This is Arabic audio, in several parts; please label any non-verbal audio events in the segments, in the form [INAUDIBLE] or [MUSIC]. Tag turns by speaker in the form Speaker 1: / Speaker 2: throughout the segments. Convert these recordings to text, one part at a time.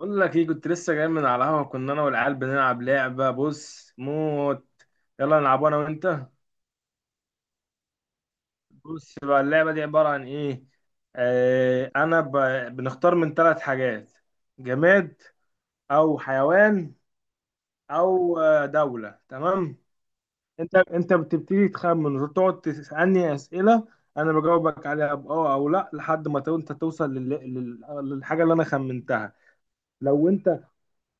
Speaker 1: بقول لك ايه، كنت لسه جاي من على القهوه. كنا انا والعيال بنلعب لعبه بص موت. يلا نلعب انا وانت. بص بقى، اللعبه دي عباره عن ايه. آه انا ب... بنختار من ثلاث حاجات: جماد، او حيوان، او دوله. تمام، انت بتبتدي تخمن وتقعد تسالني اسئله، انا بجاوبك عليها باه او لا لحد ما انت توصل لل... للحاجه اللي انا خمنتها. لو انت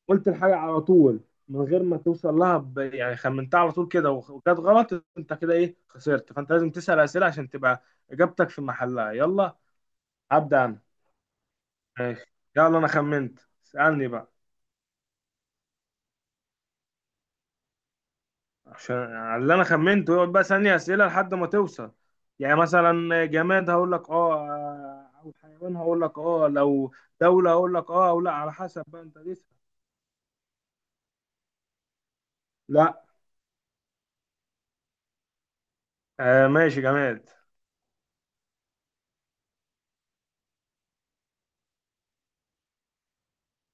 Speaker 1: قلت الحاجة على طول من غير ما توصل لها، يعني خمنتها على طول كده وكانت غلط، انت كده ايه، خسرت. فانت لازم تسأل أسئلة عشان تبقى إجابتك في محلها. يلا هبدأ أنا. ماشي. يلا أنا خمنت، اسألني بقى عشان على اللي أنا خمنته يقعد بقى ثانية أسئلة لحد ما توصل. يعني مثلا جماد هقول لك اه، أو حيوان هقول لك اه، لو دولة هقول لك اه أو لا، على حسب بقى أنت تسأل. لا. آه ماشي، جماد.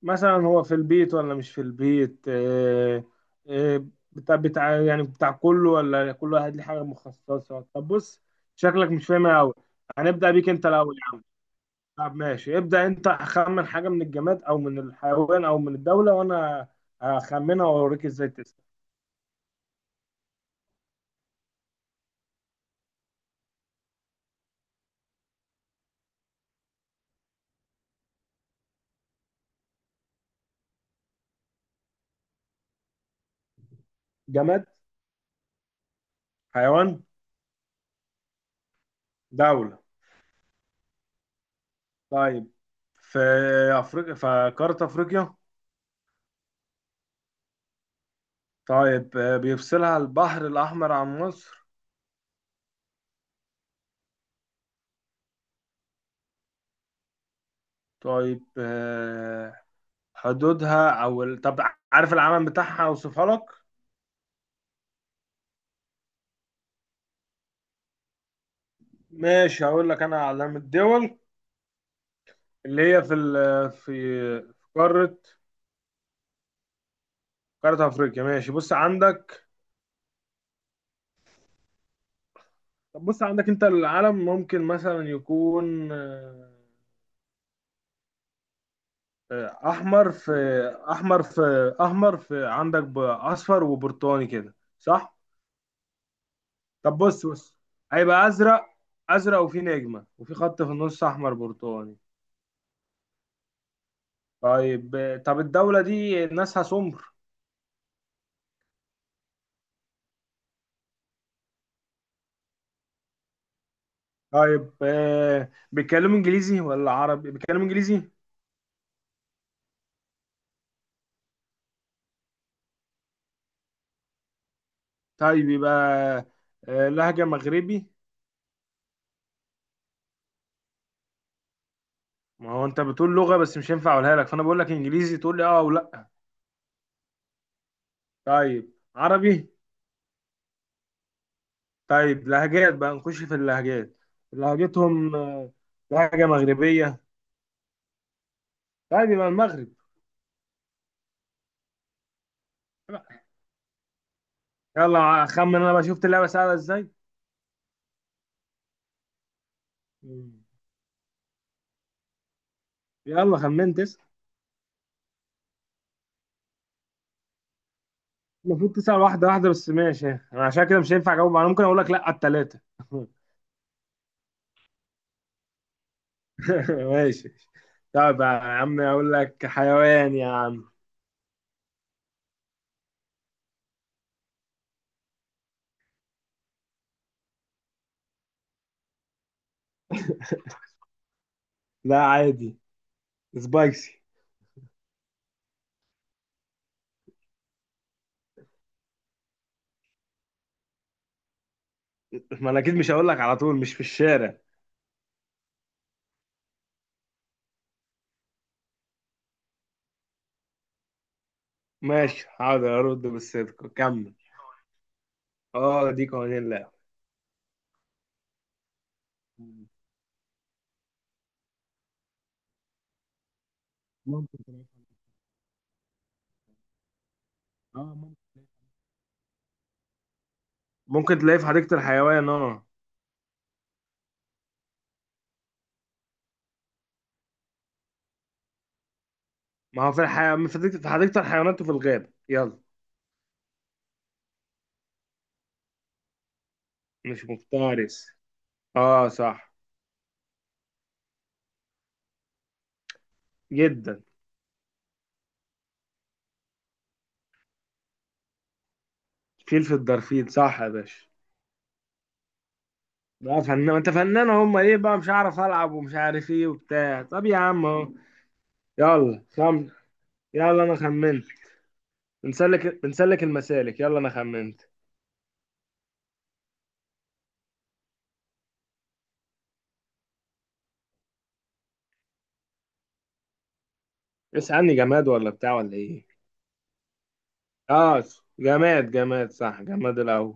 Speaker 1: مثلا هو في البيت ولا مش في البيت؟ آه، بتاع يعني بتاع كله ولا كل واحد ليه حاجة مخصصة؟ طب بص، شكلك مش فاهمها أوي. هنبدأ بيك أنت الأول يا عم. طب ماشي، ابدأ أنت، خمن حاجة من الجماد أو من الحيوان أو من الدولة وأنا هخمنها وأوريك إزاي تسأل. جماد. حيوان. دولة. طيب، في أفريقيا، في قارة أفريقيا. طيب بيفصلها البحر الأحمر عن مصر. طيب حدودها او طب عارف العلم بتاعها؟ اوصفها لك. ماشي، هقول لك انا علام الدول اللي هي في في قارة افريقيا. ماشي، بص عندك. طب بص عندك انت العلم، ممكن مثلا يكون آه، احمر في احمر في عندك، اصفر وبرتقاني كده، صح؟ طب بص بص، هيبقى ازرق. ازرق وفي نجمة وفي خط في النص، احمر برتقاني. طيب طب الدولة دي ناسها سمر؟ طيب آه، بيتكلموا انجليزي ولا عربي؟ بيتكلموا انجليزي؟ طيب يبقى آه لهجة مغربي. ما هو انت بتقول لغة بس مش هينفع اقولها لك، فانا بقول لك انجليزي، تقول لي اه او لا. طيب عربي. طيب لهجات بقى، نخش في اللهجات. لهجتهم آه لهجة مغربية. طيب يبقى المغرب. يلا خمن انا بقى، شفت اللعبة سهلة ازاي. مم. يلا خمنت، اسأل. المفروض تسأل واحدة واحدة، بس ماشي انا عشان كده مش هينفع اجاوب، انا ممكن اقول لك لا على التلاتة. [LAUGHS] [LAUGHS] ماشي. طب يا عم اقول لك حيوان يا عم. لا عادي. سبايسي. ما انا اكيد مش هقول لك على طول مش في الشارع. ماشي حاضر، ارد بالصدق، كمل. اه دي قوانين اللعبة. ممكن تلاقي. اه ممكن تلاقي. ممكن تلاقيه في حديقة الحيوان اه. ما هو في حديقة الحيوانات وفي الغابة، يلا. مش مفترس. اه صح. جدا. فيل، في الدرفيل، صح يا باشا. بقى فنان، ما انت فنان، هم ايه بقى، مش عارف العب ومش عارف ايه وبتاع. طب يا عم اهو. يلا خم يلا انا خمنت. بنسلك المسالك. يلا انا خمنت. اسألني، جماد ولا بتاع ولا ايه؟ اه. جماد صح، جماد الاول.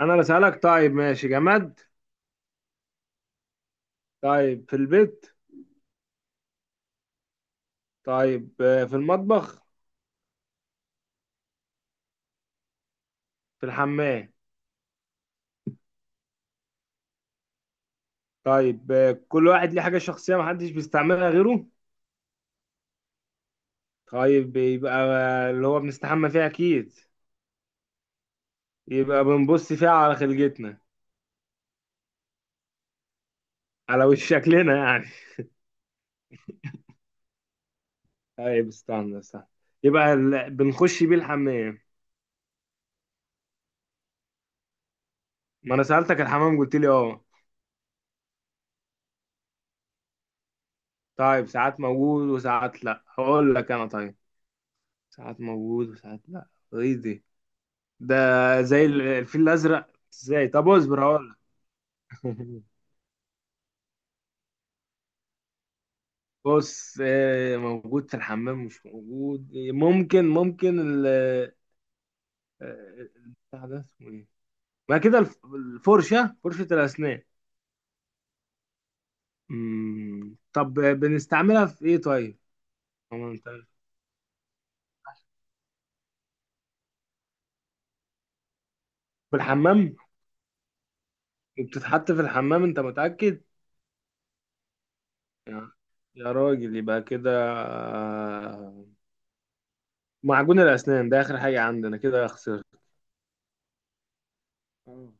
Speaker 1: انا اللي اسألك. طيب ماشي، جماد. طيب في البيت. طيب في المطبخ. في الحمام. طيب كل واحد ليه حاجة شخصية محدش بيستعملها غيره. طيب يبقى اللي هو بنستحمى فيها اكيد. يبقى بنبص فيها على خلقتنا، على وش شكلنا يعني. طيب، استنى استنى. يبقى بنخش بيه الحمام. ما انا سألتك الحمام قلت لي اه. طيب ساعات موجود وساعات لا، هقول لك انا طيب. ساعات موجود وساعات لا؟ ايه دي؟ ده زي الفيل الازرق، ازاي؟ طب اصبر هقول لك. [LAUGHS] بص موجود في الحمام مش موجود، ممكن ال... البتاع ده اسمه ايه؟ ما كده الفرشة، فرشة الأسنان. طب بنستعملها في ايه طيب؟ ما هو في الحمام. وبتتحط في الحمام انت متأكد؟ يا يا راجل، يبقى كده آه، معجون الأسنان، ده آخر حاجة عندنا، كده خسرت. اه.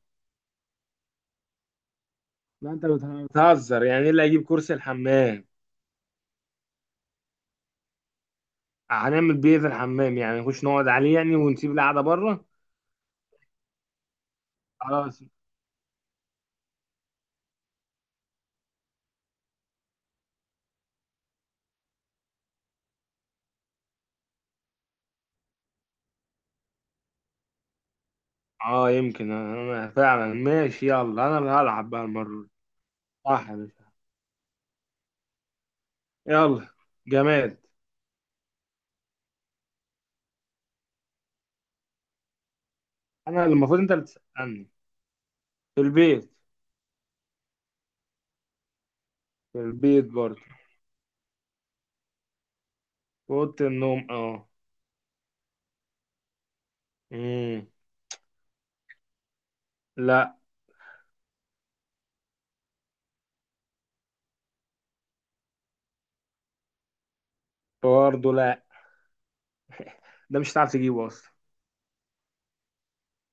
Speaker 1: لا انت بتهزر، يعني ايه اللي هيجيب كرسي الحمام؟ هنعمل بيه إيه في الحمام يعني؟ نخش نقعد عليه يعني ونسيب القعدة بره؟ خلاص. اه يمكن انا فعلا، ماشي. يلا انا اللي هلعب بقى المرة دي. صح يا باشا. يلا، جماد. انا اللي المفروض، انت اللي تسألني. في البيت. في البيت برضه. في أوضة النوم اه. امم. لا. برضه لا. ده مش هتعرف تجيبه اصلا.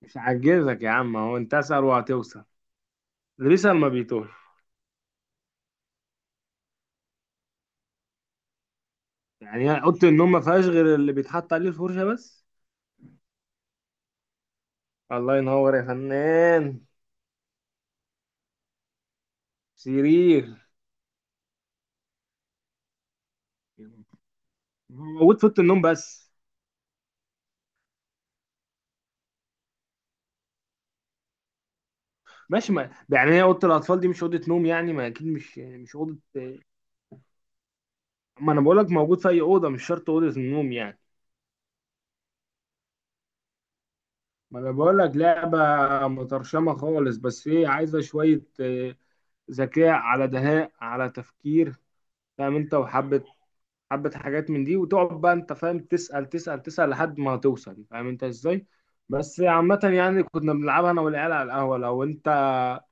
Speaker 1: مش عجزك يا عم، هو انت اسأل وهتوصل، الريسة ما بيتوه. يعني هي اوضه النوم ما فيهاش غير اللي بيتحط عليه الفرشه بس؟ الله ينور يا فنان. سرير. موجود في اوضه النوم بس. ماشي، ما يعني هي اوضه الاطفال دي مش اوضه نوم يعني، ما اكيد مش يعني مش اوضه. ما انا بقول لك موجود في اي اوضه، مش شرط اوضه النوم يعني. ما انا بقول لك لعبه مترشمه خالص، بس هي عايزه شويه ذكاء على دهاء على تفكير، فاهم انت، وحبه حبة حاجات من دي، وتقعد بقى انت فاهم تسأل تسأل تسأل لحد ما هتوصل، فاهم انت ازاي. بس عامة يعني كنا بنلعبها انا والعيال على القهوة. لو انت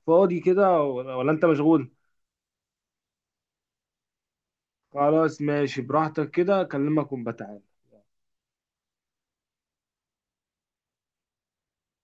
Speaker 1: فاضي كده ولا انت مشغول؟ خلاص ماشي، براحتك، كده اكلمك ونبقى تعالى.